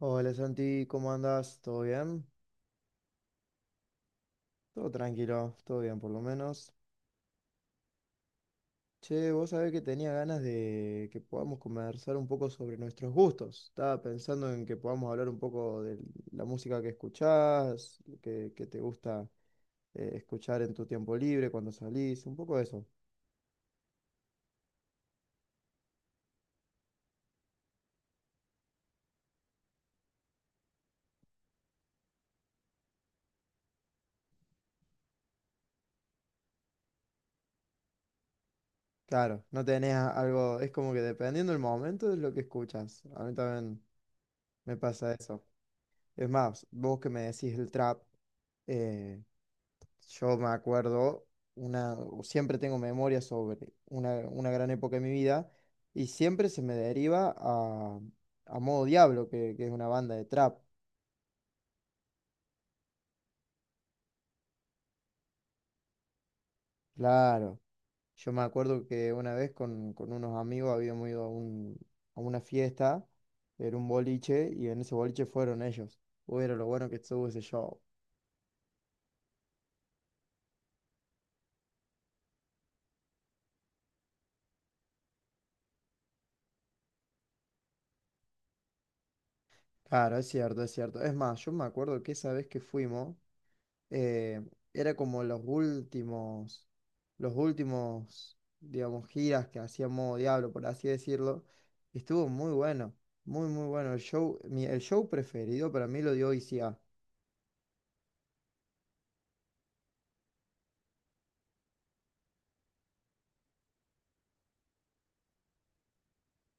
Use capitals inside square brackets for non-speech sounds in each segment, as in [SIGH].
Hola Santi, ¿cómo andas? ¿Todo bien? Todo tranquilo, todo bien por lo menos. Che, vos sabés que tenía ganas de que podamos conversar un poco sobre nuestros gustos. Estaba pensando en que podamos hablar un poco de la música que escuchás, que te gusta escuchar en tu tiempo libre, cuando salís, un poco de eso. Claro, no tenés algo, es como que dependiendo del momento es lo que escuchas. A mí también me pasa eso. Es más, vos que me decís el trap. eh, Yo me acuerdo, una, siempre tengo memoria sobre una gran época de mi vida y siempre se me deriva a Modo Diablo, que es una banda de trap. Claro, yo me acuerdo que una vez con unos amigos habíamos ido a una fiesta, era un boliche y en ese boliche fueron ellos. Uy, era lo bueno que estuvo ese show. Claro, es cierto, es cierto. Es más, yo me acuerdo que esa vez que fuimos. eh, Era como los últimos, digamos, giras que hacía Modo Diablo, por así decirlo. Y estuvo muy bueno, muy bueno. El show, el show preferido para mí lo dio ICA.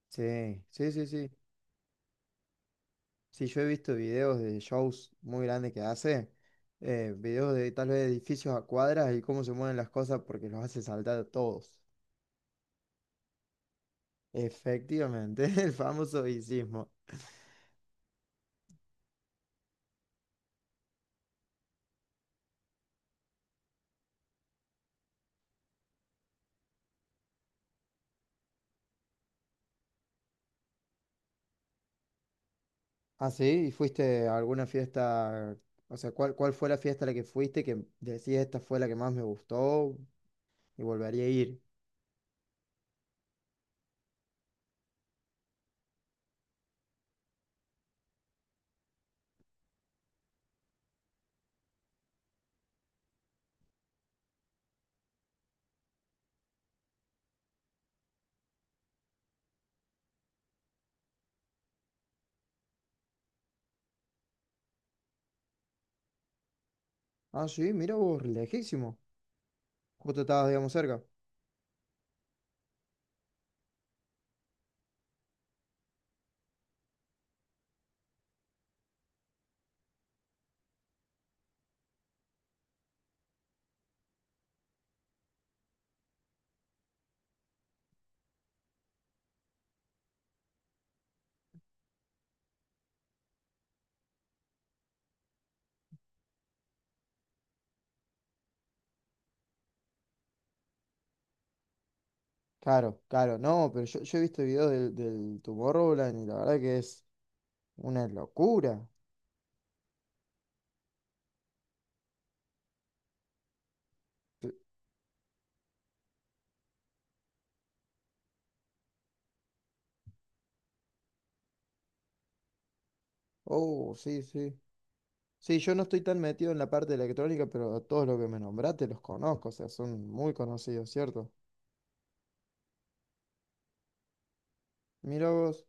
Sí, sí, sí, sí. Sí, yo he visto videos de shows muy grandes que hace, videos de tal vez edificios a cuadras y cómo se mueven las cosas porque los hace saltar a todos. Efectivamente, [LAUGHS] el famoso sismo. Ah, sí, ¿y fuiste a alguna fiesta? O sea, ¿cuál fue la fiesta a la que fuiste que decís esta fue la que más me gustó y volvería a ir? Ah, sí, mira vos, lejísimo. Justo estabas, digamos, cerca. Claro, claro, no, pero yo he visto videos del Tomorrowland y la verdad que es una locura. Te- Oh, sí, sí. Sí, yo no estoy tan metido en la parte de la electrónica, pero a todos los que me nombraste los conozco, o sea, son muy conocidos, ¿cierto? Mira vos.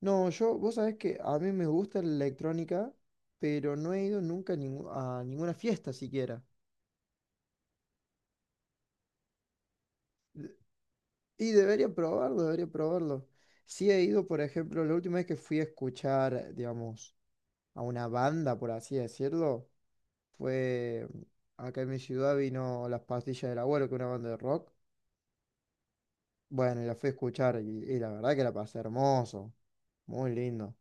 No, yo, vos sabés que a mí me gusta la electrónica, pero no he ido nunca a ninguna fiesta siquiera. De- Y debería probarlo, debería probarlo. Sí he ido, por ejemplo, la última vez que fui a escuchar, digamos, a una banda, por así decirlo, fue acá en mi ciudad vino Las Pastillas del Abuelo, que es una banda de rock. Bueno, y la fui a escuchar y la verdad que la pasé hermoso, muy lindo.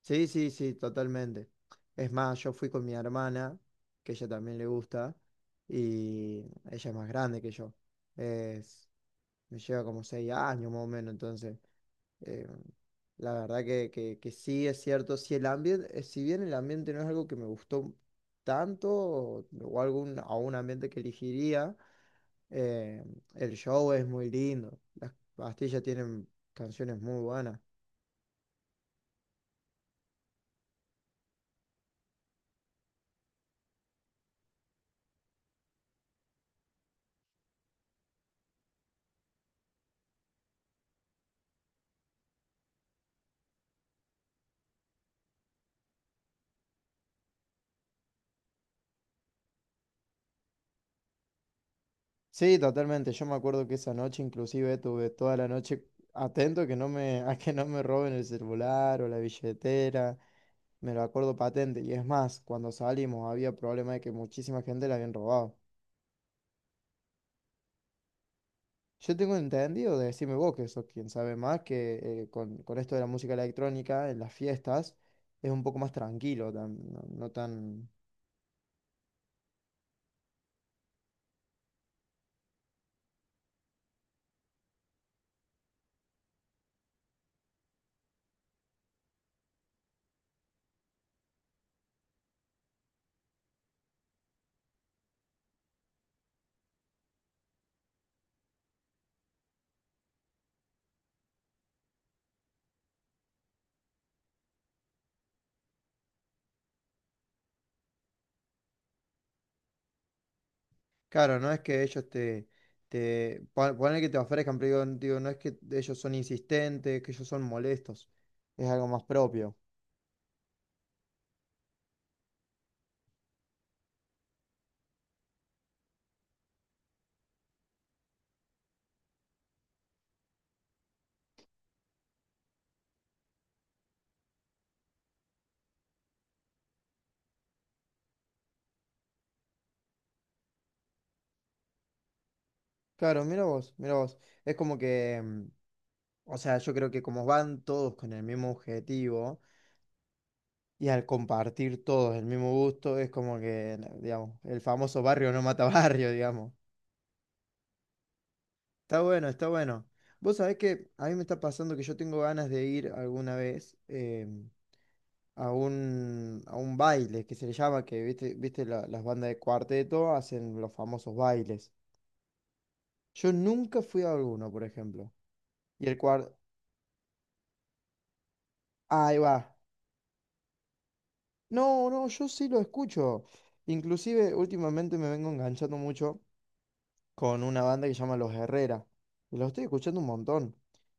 Sí, sí, sí, totalmente. Es más, yo fui con mi hermana, que ella también le gusta, y ella es más grande que yo. Es, me lleva como seis años más o menos, entonces, eh, la verdad que, que sí es cierto, si el ambiente, si bien el ambiente no es algo que me gustó tanto, o algún, a un ambiente que elegiría, eh, el show es muy lindo. Las pastillas tienen canciones muy buenas. Sí, totalmente. Yo me acuerdo que esa noche inclusive tuve toda la noche atento que no me, [LAUGHS] a que no me roben el celular o la billetera. Me lo acuerdo patente. Y es más, cuando salimos había problema de que muchísima gente la habían robado. Yo tengo entendido, decime vos, que sos quien sabe más, que con esto de la música electrónica en las fiestas es un poco más tranquilo, no tan. Claro, no es que ellos ponele que te ofrezcan, pero digo, no es que ellos son insistentes, que ellos son molestos, es algo más propio. Claro, mira vos, mira vos. Es como que, o sea, yo creo que como van todos con el mismo objetivo y al compartir todos el mismo gusto, es como que digamos, el famoso barrio no mata [LAUGHS] barrio, digamos. Está bueno, está bueno. Vos sabés que a mí me está pasando que yo tengo ganas de ir alguna vez. A a un baile que se le llama, que viste, viste las bandas de cuarteto hacen los famosos bailes. Yo nunca fui a alguno, por ejemplo. Y el cuarteto. Ahí va. No, no, yo sí lo escucho. Inclusive últimamente me vengo enganchando mucho con una banda que se llama Los Herrera. Y los estoy escuchando un montón,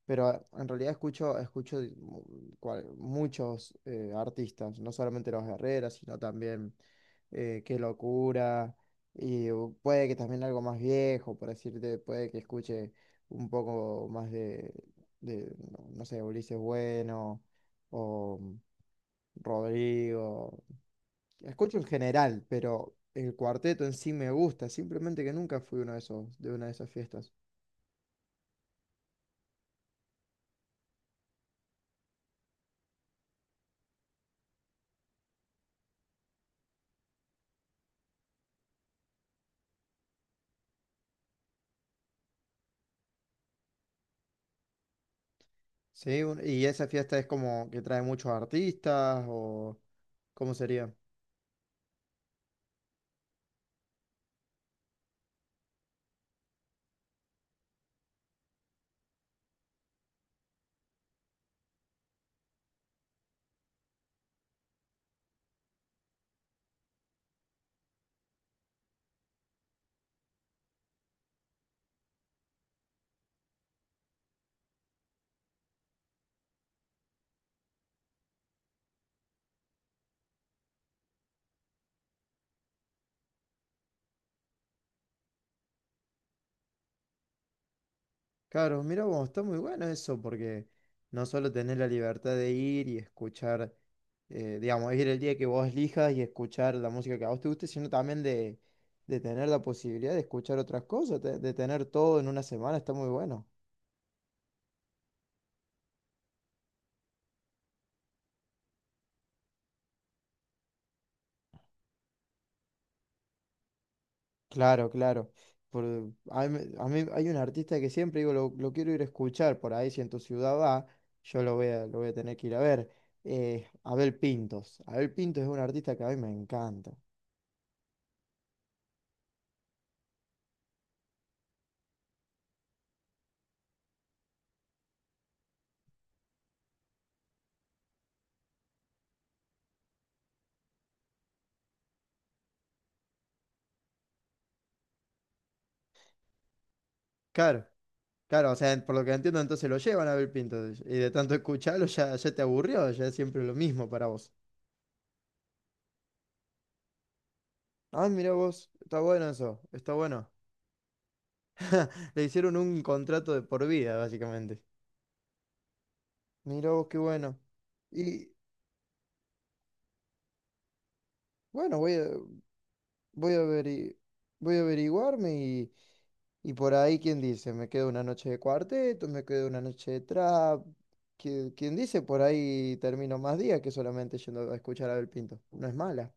pero en realidad escucho, muchos artistas, no solamente Los Herrera, sino también Qué Locura, y puede que también algo más viejo, por decirte, puede que escuche un poco más de, no sé, Ulises Bueno o Rodrigo. La escucho en general, pero el cuarteto en sí me gusta, simplemente que nunca fui uno de esos, de una de esas fiestas. Sí, y esa fiesta es como que trae muchos artistas o ¿cómo sería? Claro, mira vos, está muy bueno eso porque no solo tenés la libertad de ir y escuchar, digamos, ir el día que vos elijas y escuchar la música que a vos te guste, sino también de tener la posibilidad de escuchar otras cosas, de tener todo en una semana, está muy bueno. Claro, claro. Por, a mí hay un artista que siempre digo, lo quiero ir a escuchar por ahí, si en tu ciudad va, yo lo voy a tener que ir a ver. Abel Pintos. Abel Pintos es un artista que a mí me encanta. Claro, claro, o sea, por lo que entiendo, entonces lo llevan a Abel Pintos. Y de tanto escucharlo ya, ya te aburrió, ya es siempre lo mismo para vos. Ah, mira vos, está bueno eso, está bueno. [LAUGHS] Le hicieron un contrato de por vida, básicamente. Mira vos, qué bueno. Y bueno, voy a averi- voy a averiguarme y por ahí, ¿quién dice? Me quedo una noche de cuarteto, me quedo una noche de trap. ¿Quién dice? Por ahí termino más días que solamente yendo a escuchar a Abel Pinto. No es mala.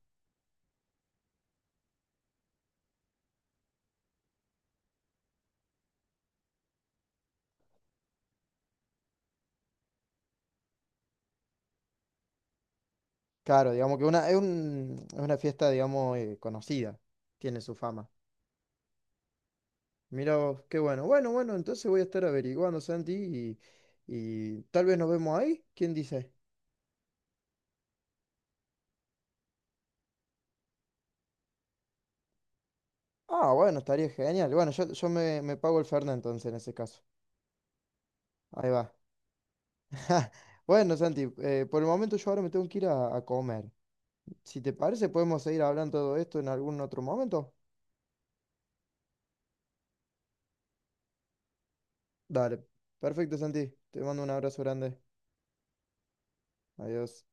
Claro, digamos que es una fiesta, digamos, conocida. Tiene su fama. Mira vos, qué bueno. Bueno, bueno, entonces voy a estar averiguando, Santi, y tal vez nos vemos ahí. ¿Quién dice? Ah, bueno, estaría genial. Bueno, me pago el Fernet entonces en ese caso. Ahí va. [LAUGHS] Ja. Bueno, Santi, por el momento yo ahora me tengo que ir a comer. Si te parece, podemos seguir hablando de todo esto en algún otro momento. Dale. Perfecto, Santi. Te mando un abrazo grande. Adiós.